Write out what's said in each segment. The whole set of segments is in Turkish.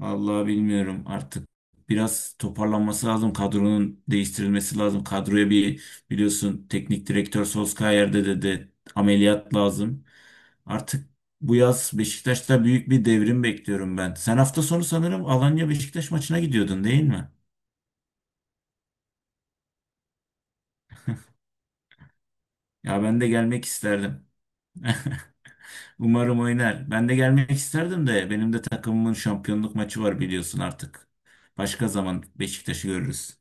Vallahi bilmiyorum artık. Biraz toparlanması lazım. Kadronun değiştirilmesi lazım. Kadroya bir biliyorsun teknik direktör Solskjaer'de de dedi ameliyat lazım. Artık bu yaz Beşiktaş'ta büyük bir devrim bekliyorum ben. Sen hafta sonu sanırım Alanya Beşiktaş maçına gidiyordun değil mi? Ya ben de gelmek isterdim. Umarım oynar. Ben de gelmek isterdim de benim de takımımın şampiyonluk maçı var biliyorsun artık. Başka zaman Beşiktaş'ı görürüz.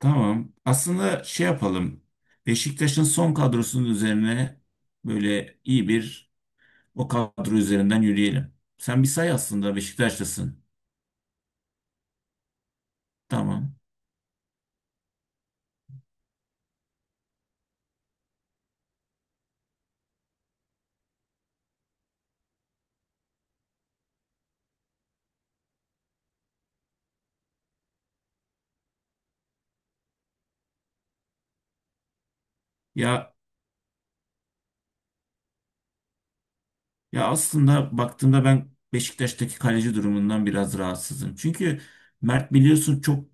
Tamam. Aslında şey yapalım. Beşiktaş'ın son kadrosunun üzerine böyle iyi bir o kadro üzerinden yürüyelim. Sen bir say aslında Beşiktaşlısın. Tamam. Ya ya aslında baktığımda ben Beşiktaş'taki kaleci durumundan biraz rahatsızım. Çünkü Mert biliyorsun çok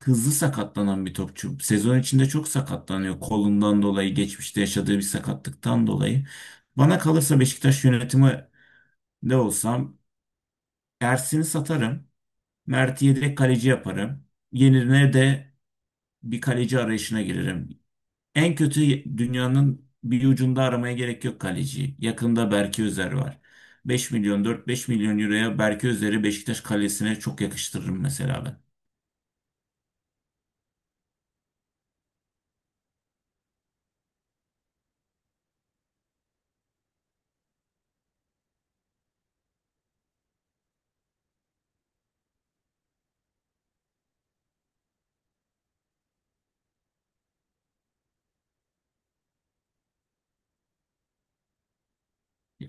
hızlı sakatlanan bir topçu. Sezon içinde çok sakatlanıyor. Kolundan dolayı, geçmişte yaşadığı bir sakatlıktan dolayı. Bana kalırsa Beşiktaş yönetimi de olsam Ersin'i satarım. Mert'i yedek kaleci yaparım. Yerine de bir kaleci arayışına girerim. En kötü dünyanın bir ucunda aramaya gerek yok kaleci. Yakında Berke Özer var. 5 milyon 4-5 milyon euroya Berke Özer'i Beşiktaş kalesine çok yakıştırırım mesela ben.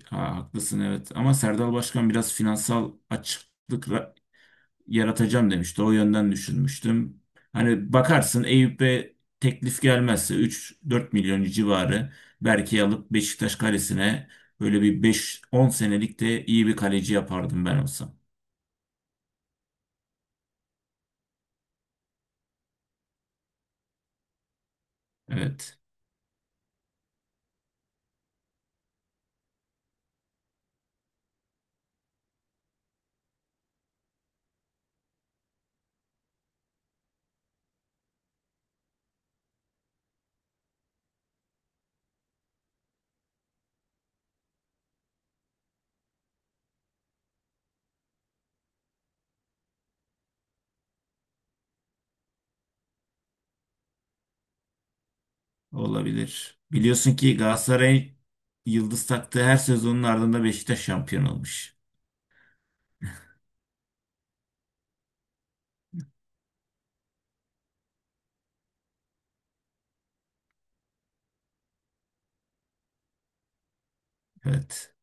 Ha, haklısın evet ama Serdal Başkan biraz finansal açıklık yaratacağım demişti. O yönden düşünmüştüm. Hani bakarsın Eyüp'e teklif gelmezse 3-4 milyon civarı belki alıp Beşiktaş kalesine böyle bir 5-10 senelik de iyi bir kaleci yapardım ben olsam. Evet, olabilir. Biliyorsun ki Galatasaray yıldız taktığı her sezonun ardında Beşiktaş şampiyon olmuş. Evet.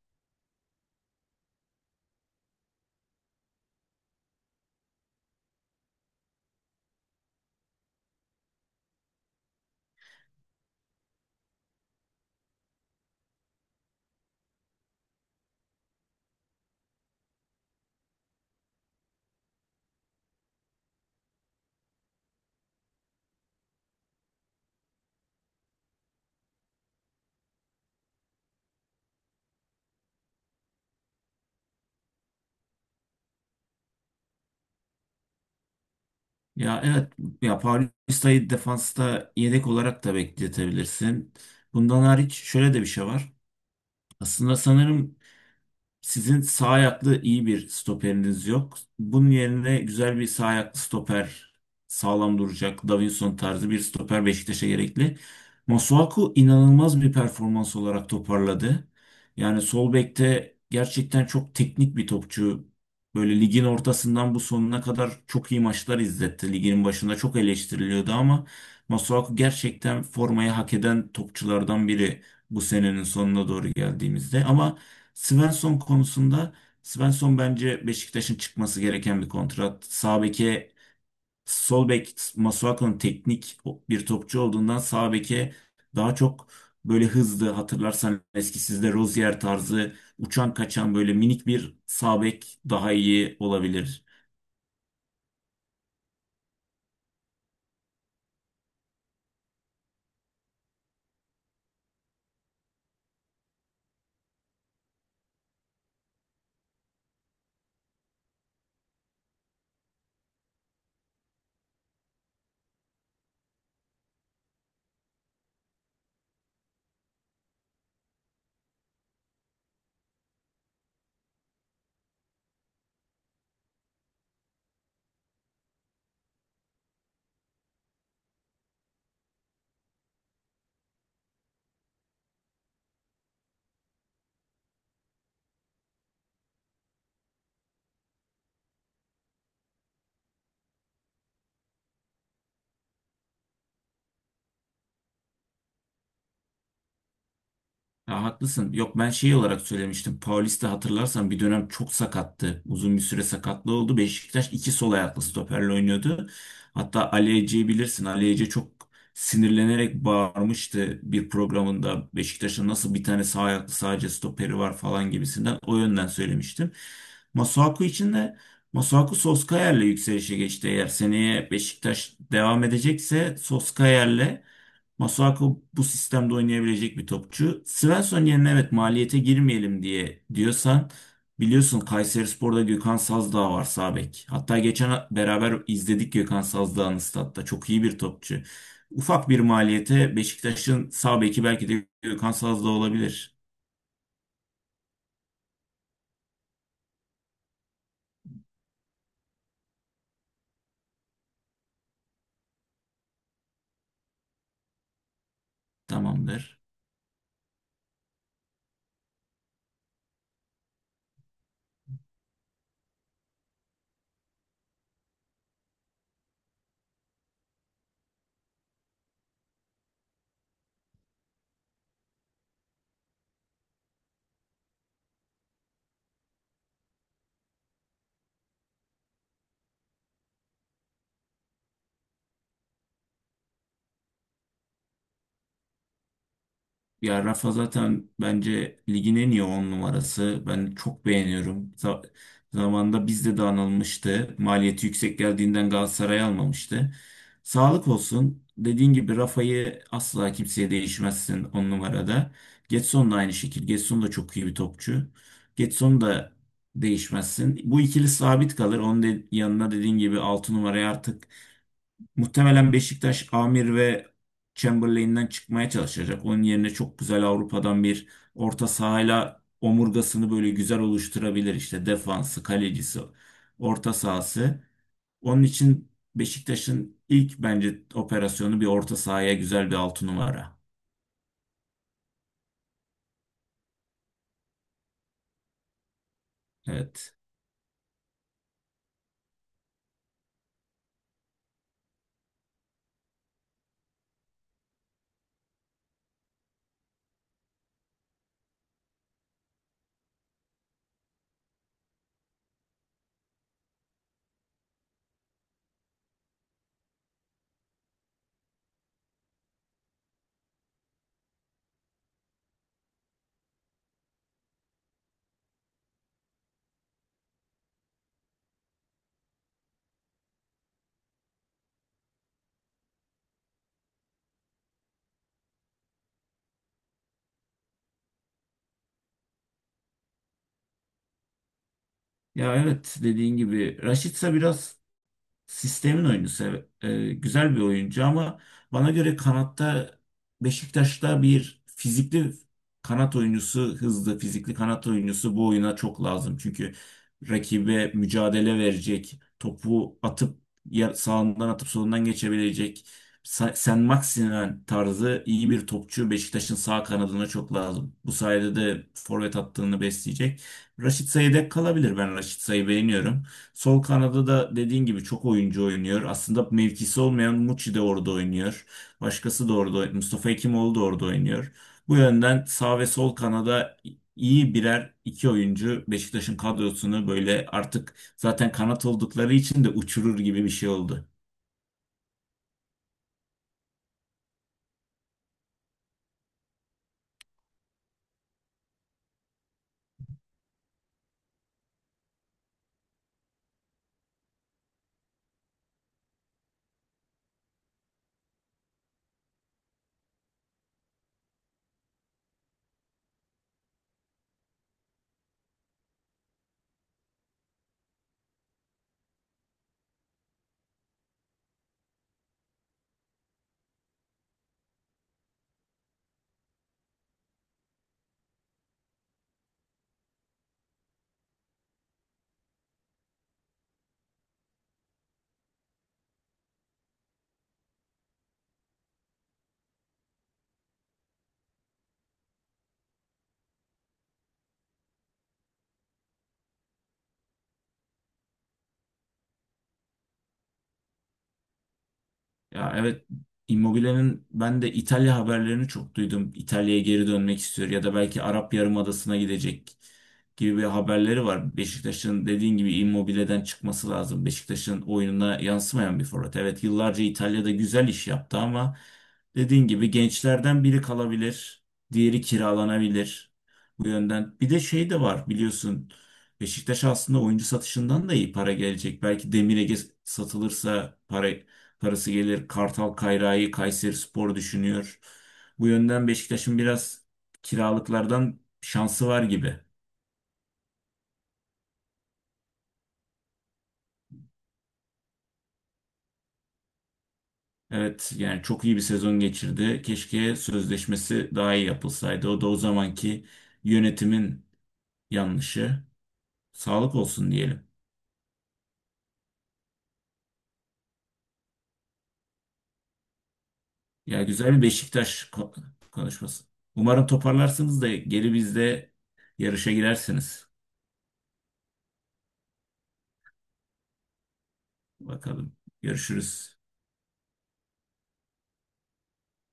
Ya evet ya Paulista'yı defansta yedek olarak da bekletebilirsin. Bundan hariç şöyle de bir şey var. Aslında sanırım sizin sağ ayaklı iyi bir stoperiniz yok. Bunun yerine güzel bir sağ ayaklı stoper, sağlam duracak, Davinson tarzı bir stoper Beşiktaş'a gerekli. Masuaku inanılmaz bir performans olarak toparladı. Yani sol bekte gerçekten çok teknik bir topçu. Böyle ligin ortasından bu sonuna kadar çok iyi maçlar izletti. Ligin başında çok eleştiriliyordu ama Masuaku gerçekten formayı hak eden topçulardan biri bu senenin sonuna doğru geldiğimizde. Ama Svensson konusunda Svensson bence Beşiktaş'ın çıkması gereken bir kontrat. Sağ beke sol bek Masuaku'nun teknik bir topçu olduğundan sağ beke daha çok böyle hızlı hatırlarsan eski sizde Rozier tarzı uçan kaçan böyle minik bir sağ bek daha iyi olabilir. Ya haklısın. Yok ben şey olarak söylemiştim. Paulista hatırlarsan bir dönem çok sakattı. Uzun bir süre sakatlığı oldu. Beşiktaş iki sol ayaklı stoperle oynuyordu. Hatta Ali Ece'yi bilirsin. Ali Ece çok sinirlenerek bağırmıştı bir programında. Beşiktaş'ın nasıl bir tane sağ ayaklı sadece stoperi var falan gibisinden. O yönden söylemiştim. Masuaku için de Masuaku Soskayer'le yükselişe geçti. Eğer seneye Beşiktaş devam edecekse Soskayer'le Masuako bu sistemde oynayabilecek bir topçu. Svensson yerine evet maliyete girmeyelim diye diyorsan biliyorsun Kayserispor'da Gökhan Sazdağ var sağ bek. Hatta geçen beraber izledik Gökhan Sazdağ'ın statta. Çok iyi bir topçu. Ufak bir maliyete Beşiktaş'ın sağ beki belki de Gökhan Sazdağ olabilir. Tamamdır. Ya Rafa zaten bence ligin en iyi 10 numarası. Ben çok beğeniyorum. Zamanında bizde de anılmıştı. Maliyeti yüksek geldiğinden Galatasaray almamıştı. Sağlık olsun. Dediğin gibi Rafa'yı asla kimseye değişmezsin 10 numarada. Getson da aynı şekilde. Getson da çok iyi bir topçu. Getson da değişmezsin. Bu ikili sabit kalır. Onun yanına dediğin gibi 6 numaraya artık muhtemelen Beşiktaş Amir ve Chamberlain'den çıkmaya çalışacak. Onun yerine çok güzel Avrupa'dan bir orta sahayla omurgasını böyle güzel oluşturabilir. İşte defansı, kalecisi, orta sahası. Onun için Beşiktaş'ın ilk bence operasyonu bir orta sahaya güzel bir 6 numara. Evet. Ya evet dediğin gibi Raşitsa biraz sistemin oyuncusu. Evet. Güzel bir oyuncu ama bana göre kanatta Beşiktaş'ta bir fizikli kanat oyuncusu, hızlı fizikli kanat oyuncusu bu oyuna çok lazım. Çünkü rakibe mücadele verecek, topu atıp sağından atıp solundan geçebilecek sen Maximen tarzı iyi bir topçu Beşiktaş'ın sağ kanadına çok lazım. Bu sayede de forvet hattını besleyecek. Raşit Sayı dek kalabilir. Ben Raşit Say'ı beğeniyorum. Sol kanada da dediğin gibi çok oyuncu oynuyor. Aslında mevkisi olmayan Muçi de orada oynuyor. Başkası da orada, Mustafa Hekimoğlu da orada oynuyor. Bu yönden sağ ve sol kanada iyi birer iki oyuncu Beşiktaş'ın kadrosunu böyle artık zaten kanat oldukları için de uçurur gibi bir şey oldu. Ya evet Immobile'nin ben de İtalya haberlerini çok duydum. İtalya'ya geri dönmek istiyor ya da belki Arap Yarımadası'na gidecek gibi bir haberleri var. Beşiktaş'ın dediğin gibi Immobile'den çıkması lazım. Beşiktaş'ın oyununa yansımayan bir forvet. Evet yıllarca İtalya'da güzel iş yaptı ama dediğin gibi gençlerden biri kalabilir, diğeri kiralanabilir. Bu yönden bir de şey de var biliyorsun. Beşiktaş aslında oyuncu satışından da iyi para gelecek. Belki Demir satılırsa para karısı gelir Kartal Kayra'yı Kayserispor düşünüyor. Bu yönden Beşiktaş'ın biraz kiralıklardan şansı var gibi. Evet yani çok iyi bir sezon geçirdi. Keşke sözleşmesi daha iyi yapılsaydı. O da o zamanki yönetimin yanlışı. Sağlık olsun diyelim. Ya güzel bir Beşiktaş konuşması. Umarım toparlarsınız da geri bizde yarışa girersiniz. Bakalım. Görüşürüz.